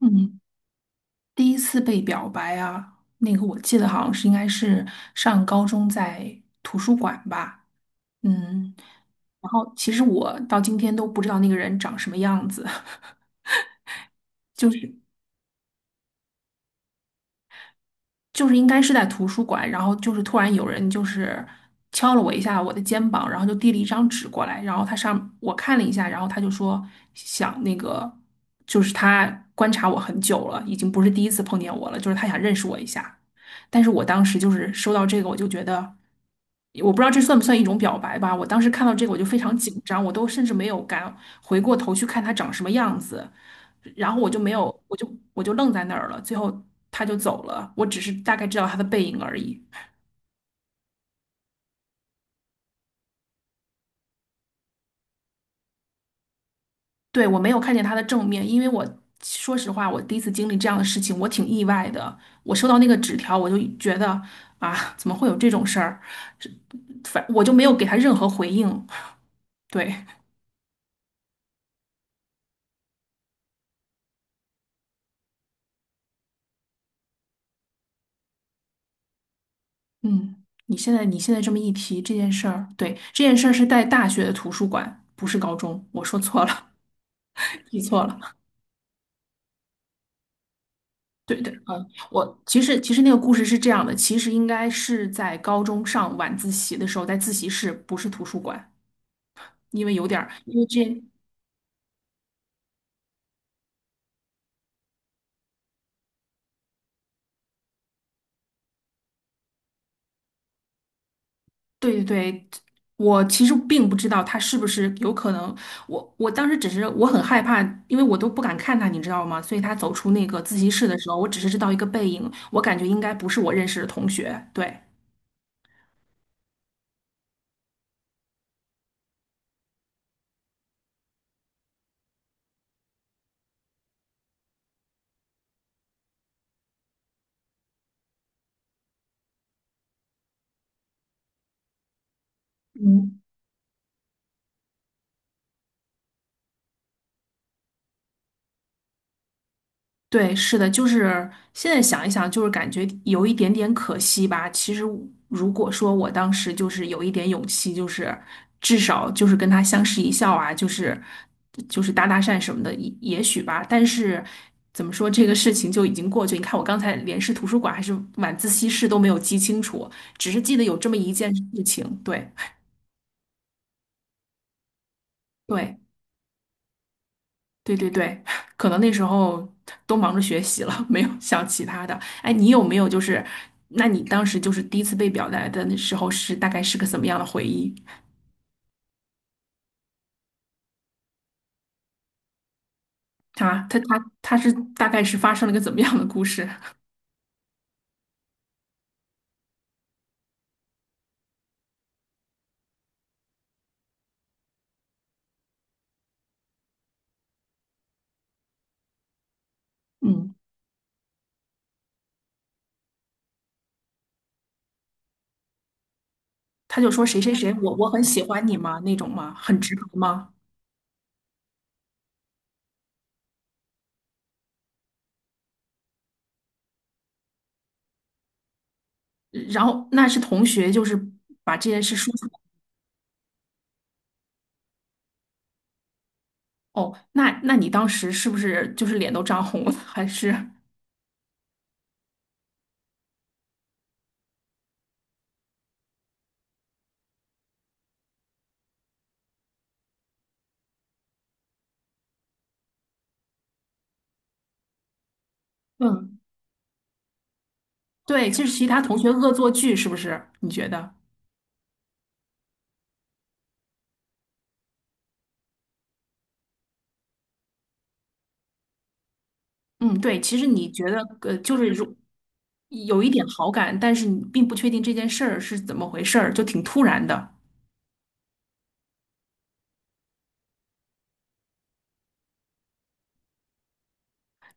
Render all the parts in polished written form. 嗯，第一次被表白啊，那个我记得好像是应该是上高中在图书馆吧，嗯，然后其实我到今天都不知道那个人长什么样子。就是应该是在图书馆，然后就是突然有人敲了我一下我的肩膀，然后就递了一张纸过来，然后他上我看了一下，然后他就说想那个，就是他观察我很久了，已经不是第一次碰见我了，就是他想认识我一下。但是我当时就是收到这个，我就觉得我不知道这算不算一种表白吧。我当时看到这个我就非常紧张，我都甚至没有敢回过头去看他长什么样子。然后我就没有，我就愣在那儿了。最后他就走了，我只是大概知道他的背影而已。对，我没有看见他的正面，因为我说实话，我第一次经历这样的事情，我挺意外的。我收到那个纸条，我就觉得啊，怎么会有这种事儿？是，反我就没有给他任何回应。对，嗯，你现在这么一提这件事儿，对，这件事儿是在大学的图书馆，不是高中，我说错了。记错了。对，嗯，我其实那个故事是这样的，其实应该是在高中上晚自习的时候，在自习室，不是图书馆，因为有点儿，因为这，对对对，我其实并不知道他是不是有可能，我当时只是我很害怕，因为我都不敢看他，你知道吗？所以他走出那个自习室的时候，我只是知道一个背影，我感觉应该不是我认识的同学，对。嗯。对，是的，就是现在想一想，就是感觉有一点点可惜吧。其实我如果说我当时就是有一点勇气，就是至少就是跟他相视一笑啊，就是搭搭讪什么的，也也许吧。但是怎么说，这个事情就已经过去。你看，我刚才连是图书馆还是晚自习室都没有记清楚，只是记得有这么一件事情。对对。对对对，可能那时候都忙着学习了，没有想其他的。哎，你有没有就是，那你当时就是第一次被表白的那时候是大概是个怎么样的回忆啊？他是大概是发生了个怎么样的故事？嗯，他就说谁谁谁，我很喜欢你吗？那种吗？很直白吗？嗯，然后那是同学，就是把这件事说出来。哦，那那你当时是不是就是脸都涨红了？还是嗯，对，就是其他同学恶作剧，是不是？你觉得？嗯，对，其实你觉得就是如有一点好感，但是你并不确定这件事儿是怎么回事儿，就挺突然的。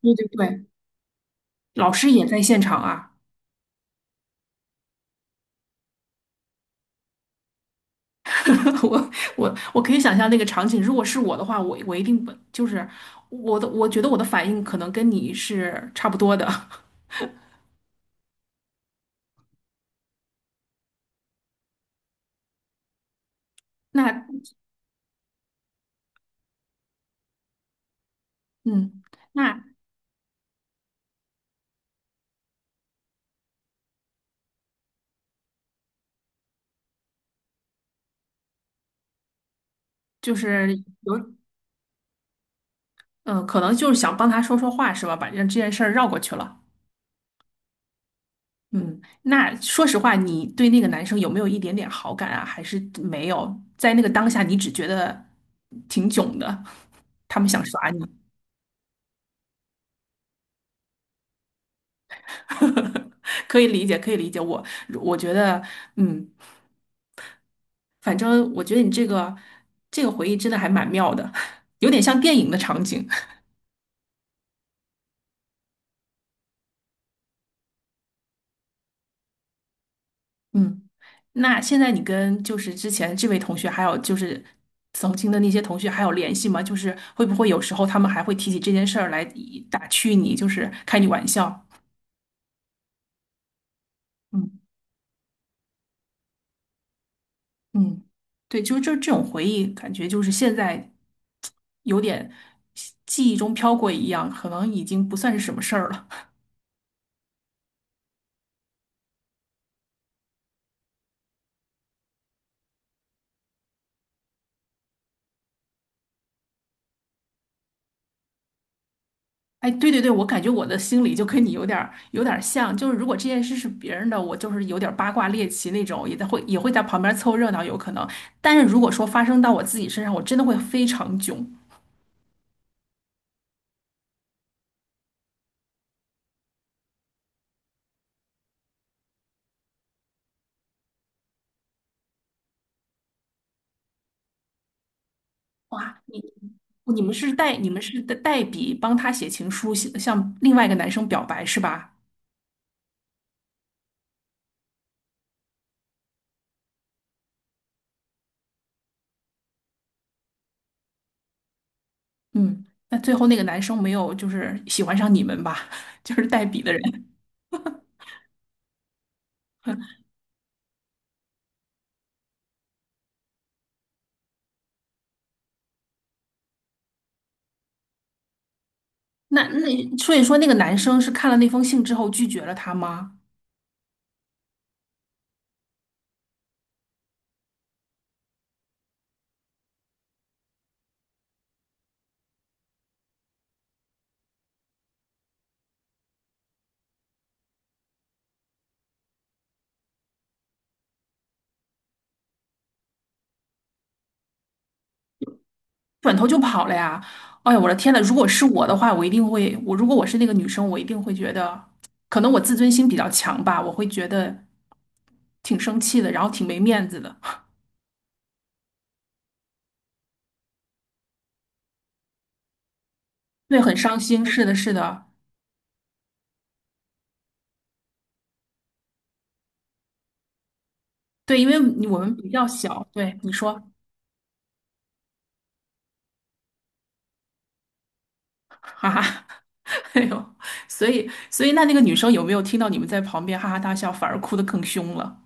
对对对，老师也在现场啊。我我可以想象那个场景，如果是我的话，我一定不就是我的，我觉得我的反应可能跟你是差不多的。那嗯，那就是有嗯、可能就是想帮他说说话是吧？把让这件事儿绕过去了。嗯，那说实话，你对那个男生有没有一点点好感啊？还是没有？在那个当下，你只觉得挺囧的，他们想耍你。可以理解，可以理解。我我觉得，嗯，反正我觉得你这个这个回忆真的还蛮妙的。有点像电影的场景。嗯，那现在你跟就是之前这位同学，还有就是曾经的那些同学还有联系吗？就是会不会有时候他们还会提起这件事儿来以打趣你，就是开你玩笑？嗯嗯，对，就是这这种回忆，感觉就是现在有点记忆中飘过一样，可能已经不算是什么事儿了。哎，对对对，我感觉我的心里就跟你有点儿有点儿像，就是如果这件事是别人的，我就是有点儿八卦猎奇那种，也会在旁边凑热闹，有可能。但是如果说发生到我自己身上，我真的会非常囧。哇，你你们是代笔帮他写情书，写向另外一个男生表白是吧？嗯，那最后那个男生没有就是喜欢上你们吧。就是代笔的人。那那所以说那个男生是看了那封信之后拒绝了他吗？转头就跑了呀？哎呀，我的天呐，如果是我的话，我一定会，我如果我是那个女生，我一定会觉得，可能我自尊心比较强吧，我会觉得挺生气的，然后挺没面子的，对，很伤心。是的，是的，对，因为你我们比较小，对，你说。哈哈。哎呦，所以那那个女生有没有听到你们在旁边哈哈大笑，反而哭得更凶了？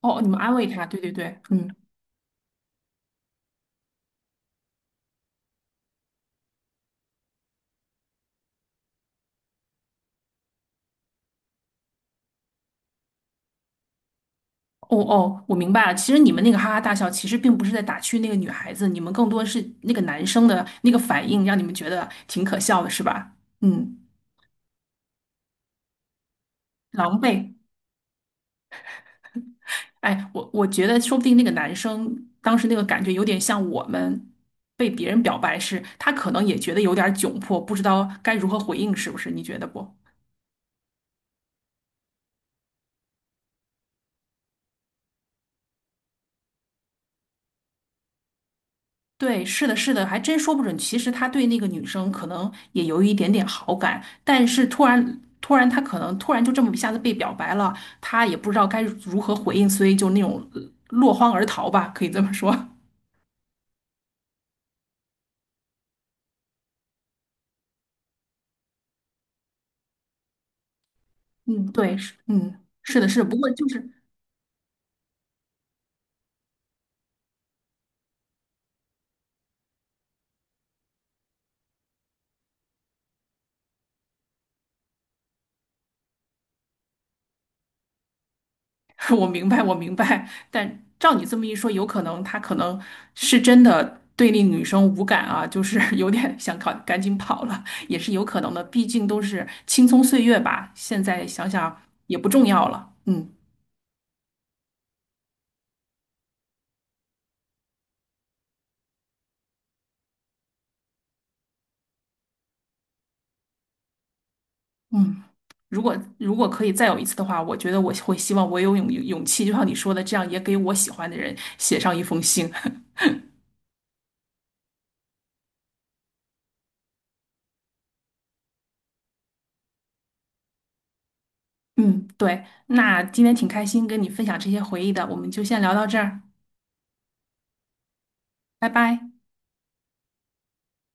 哦，你们安慰她，对对对，嗯，哦哦，我明白了。其实你们那个哈哈大笑，其实并不是在打趣那个女孩子，你们更多是那个男生的那个反应，让你们觉得挺可笑的，是吧？嗯，狼狈。哎，我我觉得说不定那个男生当时那个感觉有点像我们被别人表白时，他可能也觉得有点窘迫，不知道该如何回应，是不是？你觉得不？对，是的，是的，还真说不准。其实他对那个女生可能也有一点点好感，但是突然，突然他可能突然就这么一下子被表白了，他也不知道该如何回应，所以就那种落荒而逃吧，可以这么说。嗯，对，是，嗯，是的，是的。不过就是，我明白，我明白。但照你这么一说，有可能他可能是真的对那女生无感啊，就是 有点想赶赶紧跑了，也是有可能的。毕竟都是青葱岁月吧，现在想想也不重要了。嗯嗯，如果可以再有一次的话，我觉得我会希望我有勇勇气，就像你说的，这样也给我喜欢的人写上一封信。嗯，对。那今天挺开心跟你分享这些回忆的，我们就先聊到这儿，拜拜。